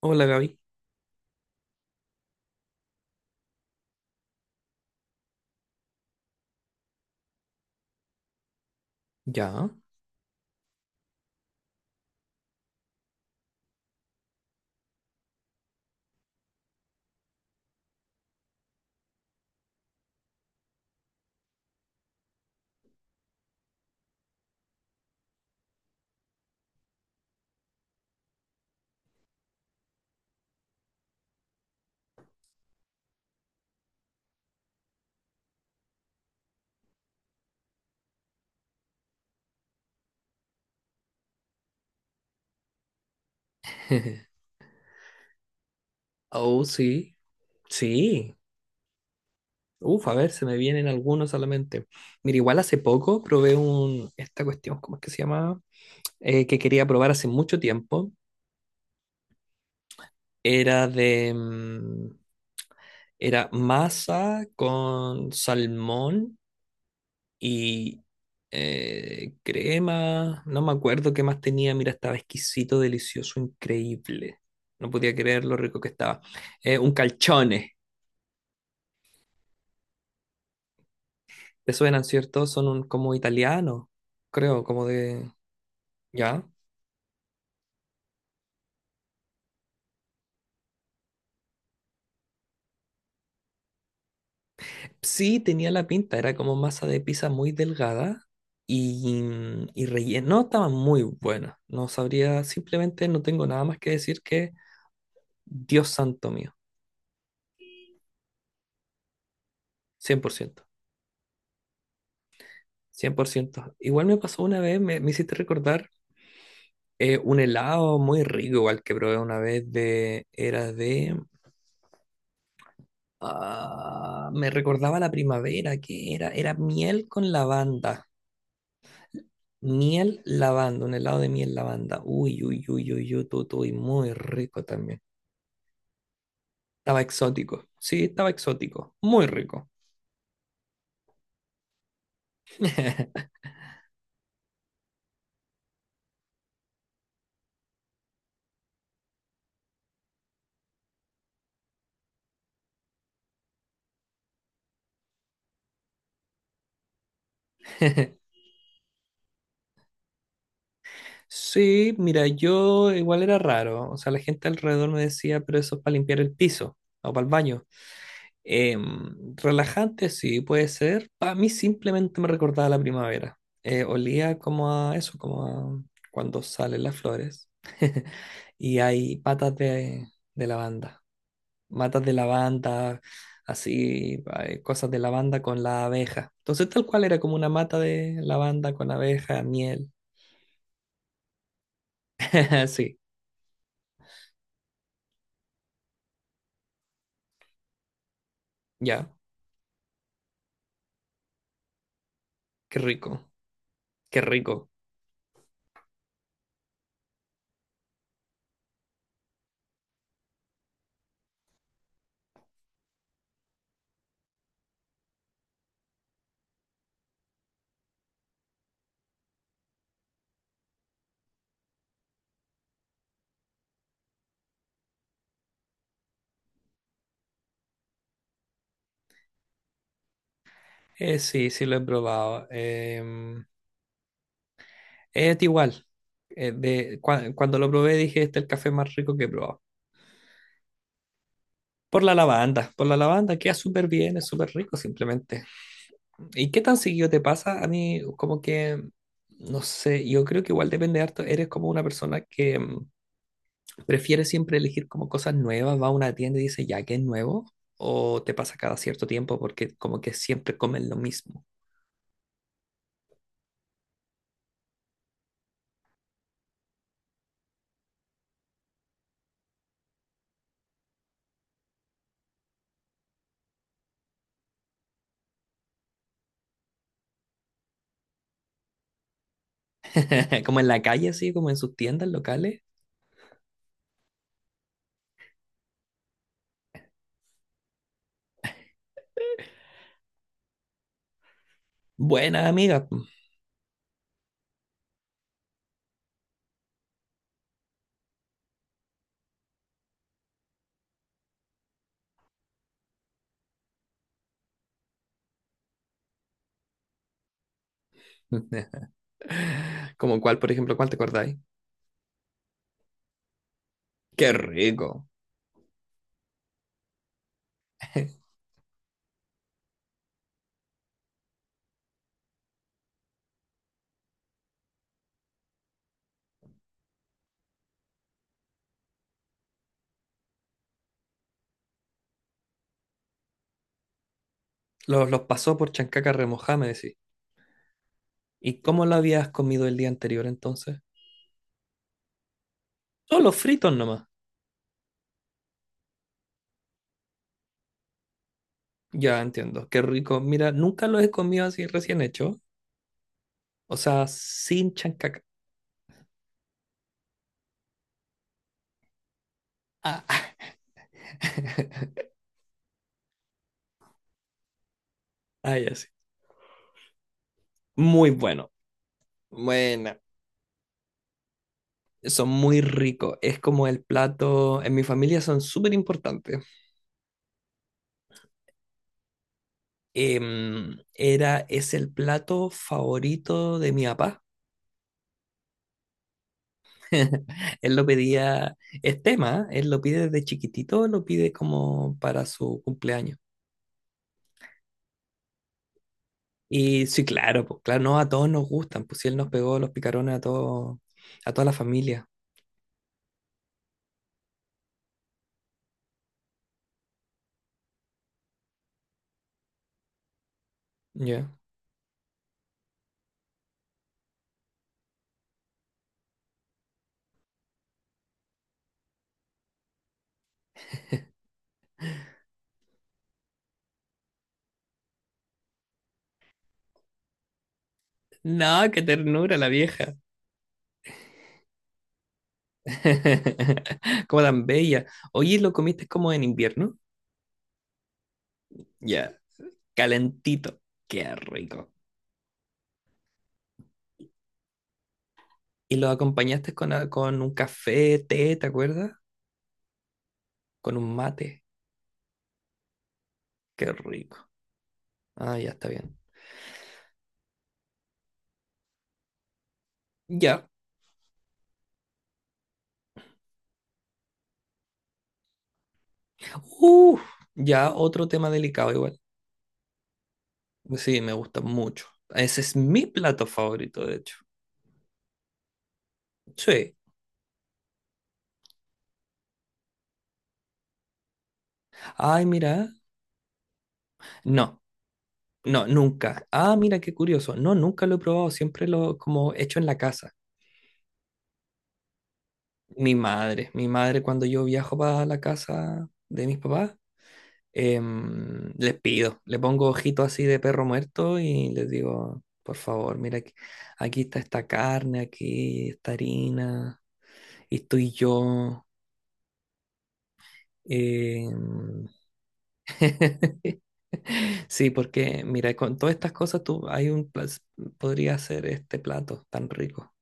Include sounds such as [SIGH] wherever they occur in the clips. Hola Gaby. Ya. Oh, sí. Sí. Uf, a ver, se me vienen algunos a la mente. Mira, igual hace poco probé un, esta cuestión, ¿cómo es que se llama? Que quería probar hace mucho tiempo. Era de, era masa con salmón y crema. No me acuerdo qué más tenía. Mira, estaba exquisito, delicioso, increíble. No podía creer lo rico que estaba. Un calchone. Te suenan, ¿cierto? Son un, como italianos, creo, como de... ¿Ya? Sí, tenía la pinta, era como masa de pizza muy delgada y, y relleno. No, estaban muy buenas. No sabría, simplemente no tengo nada más que decir que Dios santo mío, cien por ciento, 100%. Igual me pasó una vez, me hiciste recordar un helado muy rico, igual que probé una vez de... Era de... ah, me recordaba la primavera, que era, era miel con lavanda. Miel lavanda, un helado de miel lavanda. Uy, uy, uy, uy, uy, muy rico también. Estaba exótico. Sí, estaba exótico. Muy rico. [LAUGHS] Sí, mira, yo igual era raro. O sea, la gente alrededor me decía, pero eso es para limpiar el piso o para el baño. Relajante, sí, puede ser. Para mí simplemente me recordaba la primavera. Olía como a eso, como a cuando salen las flores [LAUGHS] y hay patas de lavanda. Matas de lavanda, así, cosas de lavanda con la abeja. Entonces, tal cual era como una mata de lavanda con abeja, miel. [LAUGHS] Sí, ya, qué rico, qué rico. Sí, sí lo he probado. Es igual. Cuando lo probé dije, este es el café más rico que he probado. Por la lavanda, queda súper bien, es súper rico simplemente. ¿Y qué tan seguido te pasa? A mí como que, no sé, yo creo que igual depende harto, eres como una persona que, ¿prefieres siempre elegir como cosas nuevas? Va a una tienda y dice, ya que es nuevo, o te pasa cada cierto tiempo porque como que siempre comen lo mismo. [LAUGHS] Como en la calle, así, como en sus tiendas locales. Buena amiga. [LAUGHS] ¿Como cuál, por ejemplo, cuál te acordáis? Qué rico. [LAUGHS] Los pasó por chancaca remojada, me decís. ¿Y cómo lo habías comido el día anterior entonces? Solo fritos nomás. Ya entiendo, qué rico. Mira, nunca los he comido así recién hecho. O sea, sin chancaca. Ah, [LAUGHS] ah, ya sí. Muy bueno. Bueno, son muy ricos. Es como el plato, en mi familia son súper importantes. Es el plato favorito de mi papá. [LAUGHS] Él lo pedía, es tema, ¿eh? Él lo pide desde chiquitito, lo pide como para su cumpleaños. Y sí, claro, pues claro, no a todos nos gustan, pues si él nos pegó los picarones a todos, a toda la familia. Ya. No, qué ternura la vieja. [LAUGHS] Como tan bella. Oye, ¿lo comiste como en invierno? Ya, calentito. Qué rico. Y lo acompañaste con, a- con un café, té, ¿te acuerdas? Con un mate. Qué rico. Ah, ya está bien. Ya. Uf, ya otro tema delicado igual. Sí, me gusta mucho. Ese es mi plato favorito, de hecho. Sí. Ay, mira. No, no, nunca. Ah, mira, qué curioso. No, nunca lo he probado. Siempre lo como hecho en la casa. Mi madre cuando yo viajo para la casa de mis papás les pido, le pongo ojito así de perro muerto y les digo, por favor, mira, aquí, aquí está esta carne, aquí esta harina, y estoy yo. em, [LAUGHS] Sí, porque mira, con todas estas cosas tú hay un plas- podría hacer este plato tan rico.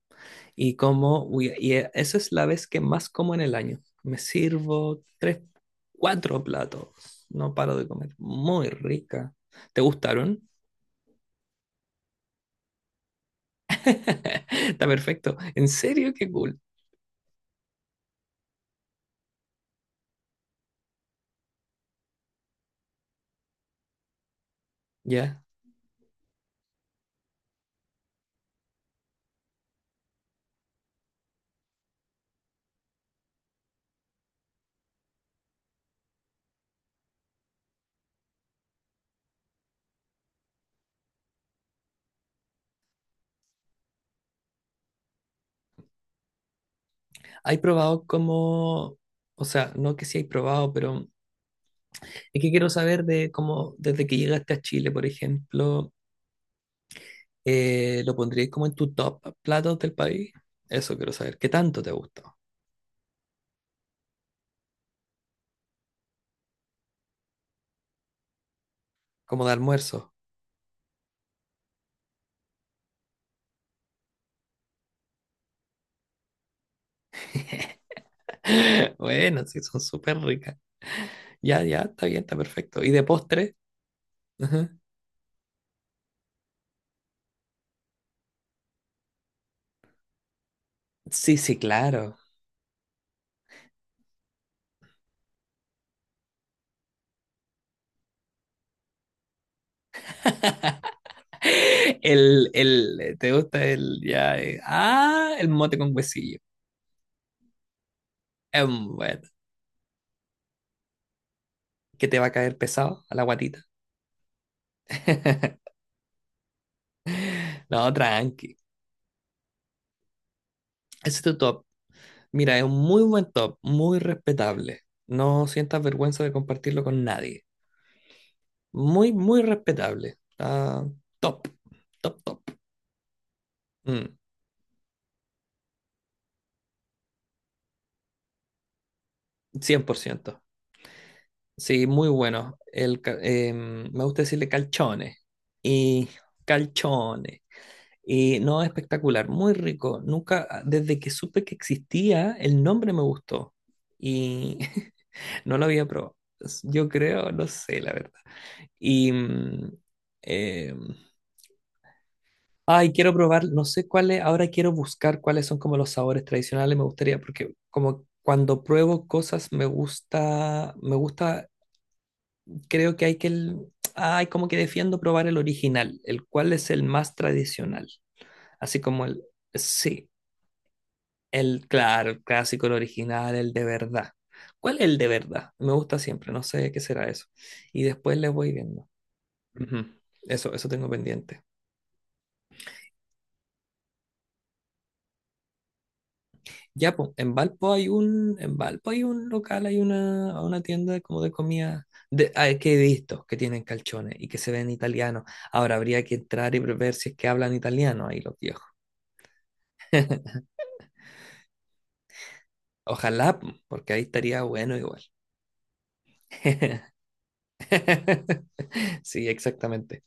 Y como uy, y e- esa es la vez que más como en el año. Me sirvo tres, cuatro platos. No paro de comer. Muy rica. ¿Te gustaron? [LAUGHS] Está perfecto. ¿En serio? Qué cool. Ya. ¿Hay probado cómo, o sea, no que sí hay probado, pero es que quiero saber de cómo, desde que llegaste a Chile, por ejemplo, lo pondrías como en tu top platos del país? Eso quiero saber. ¿Qué tanto te gustó? Como de almuerzo. [LAUGHS] Bueno, sí, son súper ricas. Ya, ya, está bien, está perfecto. ¿Y de postre? Ajá. Sí, sí, claro. [LAUGHS] El, ¿te gusta el, ya, el mote con huesillo? Es bueno. Que te va a caer pesado a la guatita. [LAUGHS] No, tranqui. Ese es tu top. Mira, es un muy buen top, muy respetable. No sientas vergüenza de compartirlo con nadie. Muy, muy respetable. Está top, top, top. Mm, 100%. Sí, muy bueno. Me gusta decirle calchones y calchones. Y no, espectacular, muy rico. Nunca, desde que supe que existía, el nombre me gustó. Y [LAUGHS] no lo había probado. Yo creo, no sé, la verdad. Y... mm, eh, Ay, quiero probar, no sé cuáles, ahora quiero buscar cuáles son como los sabores tradicionales, me gustaría, porque como cuando pruebo cosas me gusta, creo que hay que, ay, como que defiendo probar el original, el cual es el más tradicional, así como el, sí, el, claro, el clásico, el original, el de verdad. ¿Cuál es el de verdad? Me gusta siempre, no sé qué será eso. Y después les voy viendo. Ujú. Eso tengo pendiente. Ya, pues, en Valpo hay un local, hay una tienda como de comida, de, ah, que he visto que tienen calzones y que se ven italianos. Ahora habría que entrar y ver si es que hablan italiano ahí los viejos. [LAUGHS] Ojalá, po, porque ahí estaría bueno igual. [LAUGHS] Sí, exactamente.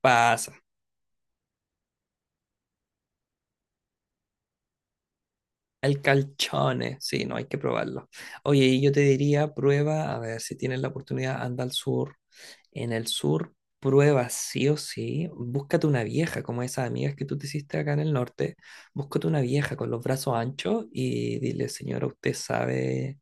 Pasa. El calzone, sí, no hay que probarlo. Oye, y yo te diría, prueba, a ver si tienes la oportunidad, anda al sur. En el sur, prueba sí o sí, búscate una vieja, como esas amigas que tú te hiciste acá en el norte, búscate una vieja con los brazos anchos y dile, señora, usted sabe,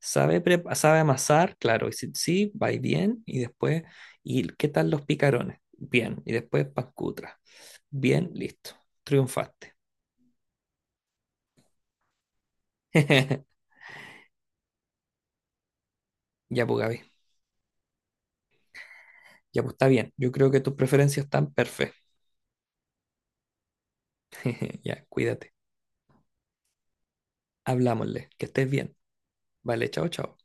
sabe, prepa- sabe amasar, claro, y si sí, va y bien, y después, ¿y qué tal los picarones? Bien, y después pancutra. Bien, listo, triunfaste. [LAUGHS] Ya, pues, Gaby, ya, pues, está bien, yo creo que tus preferencias están perfectas. [LAUGHS] Ya, cuídate, hablámosle, que estés bien. Vale, chao, chao.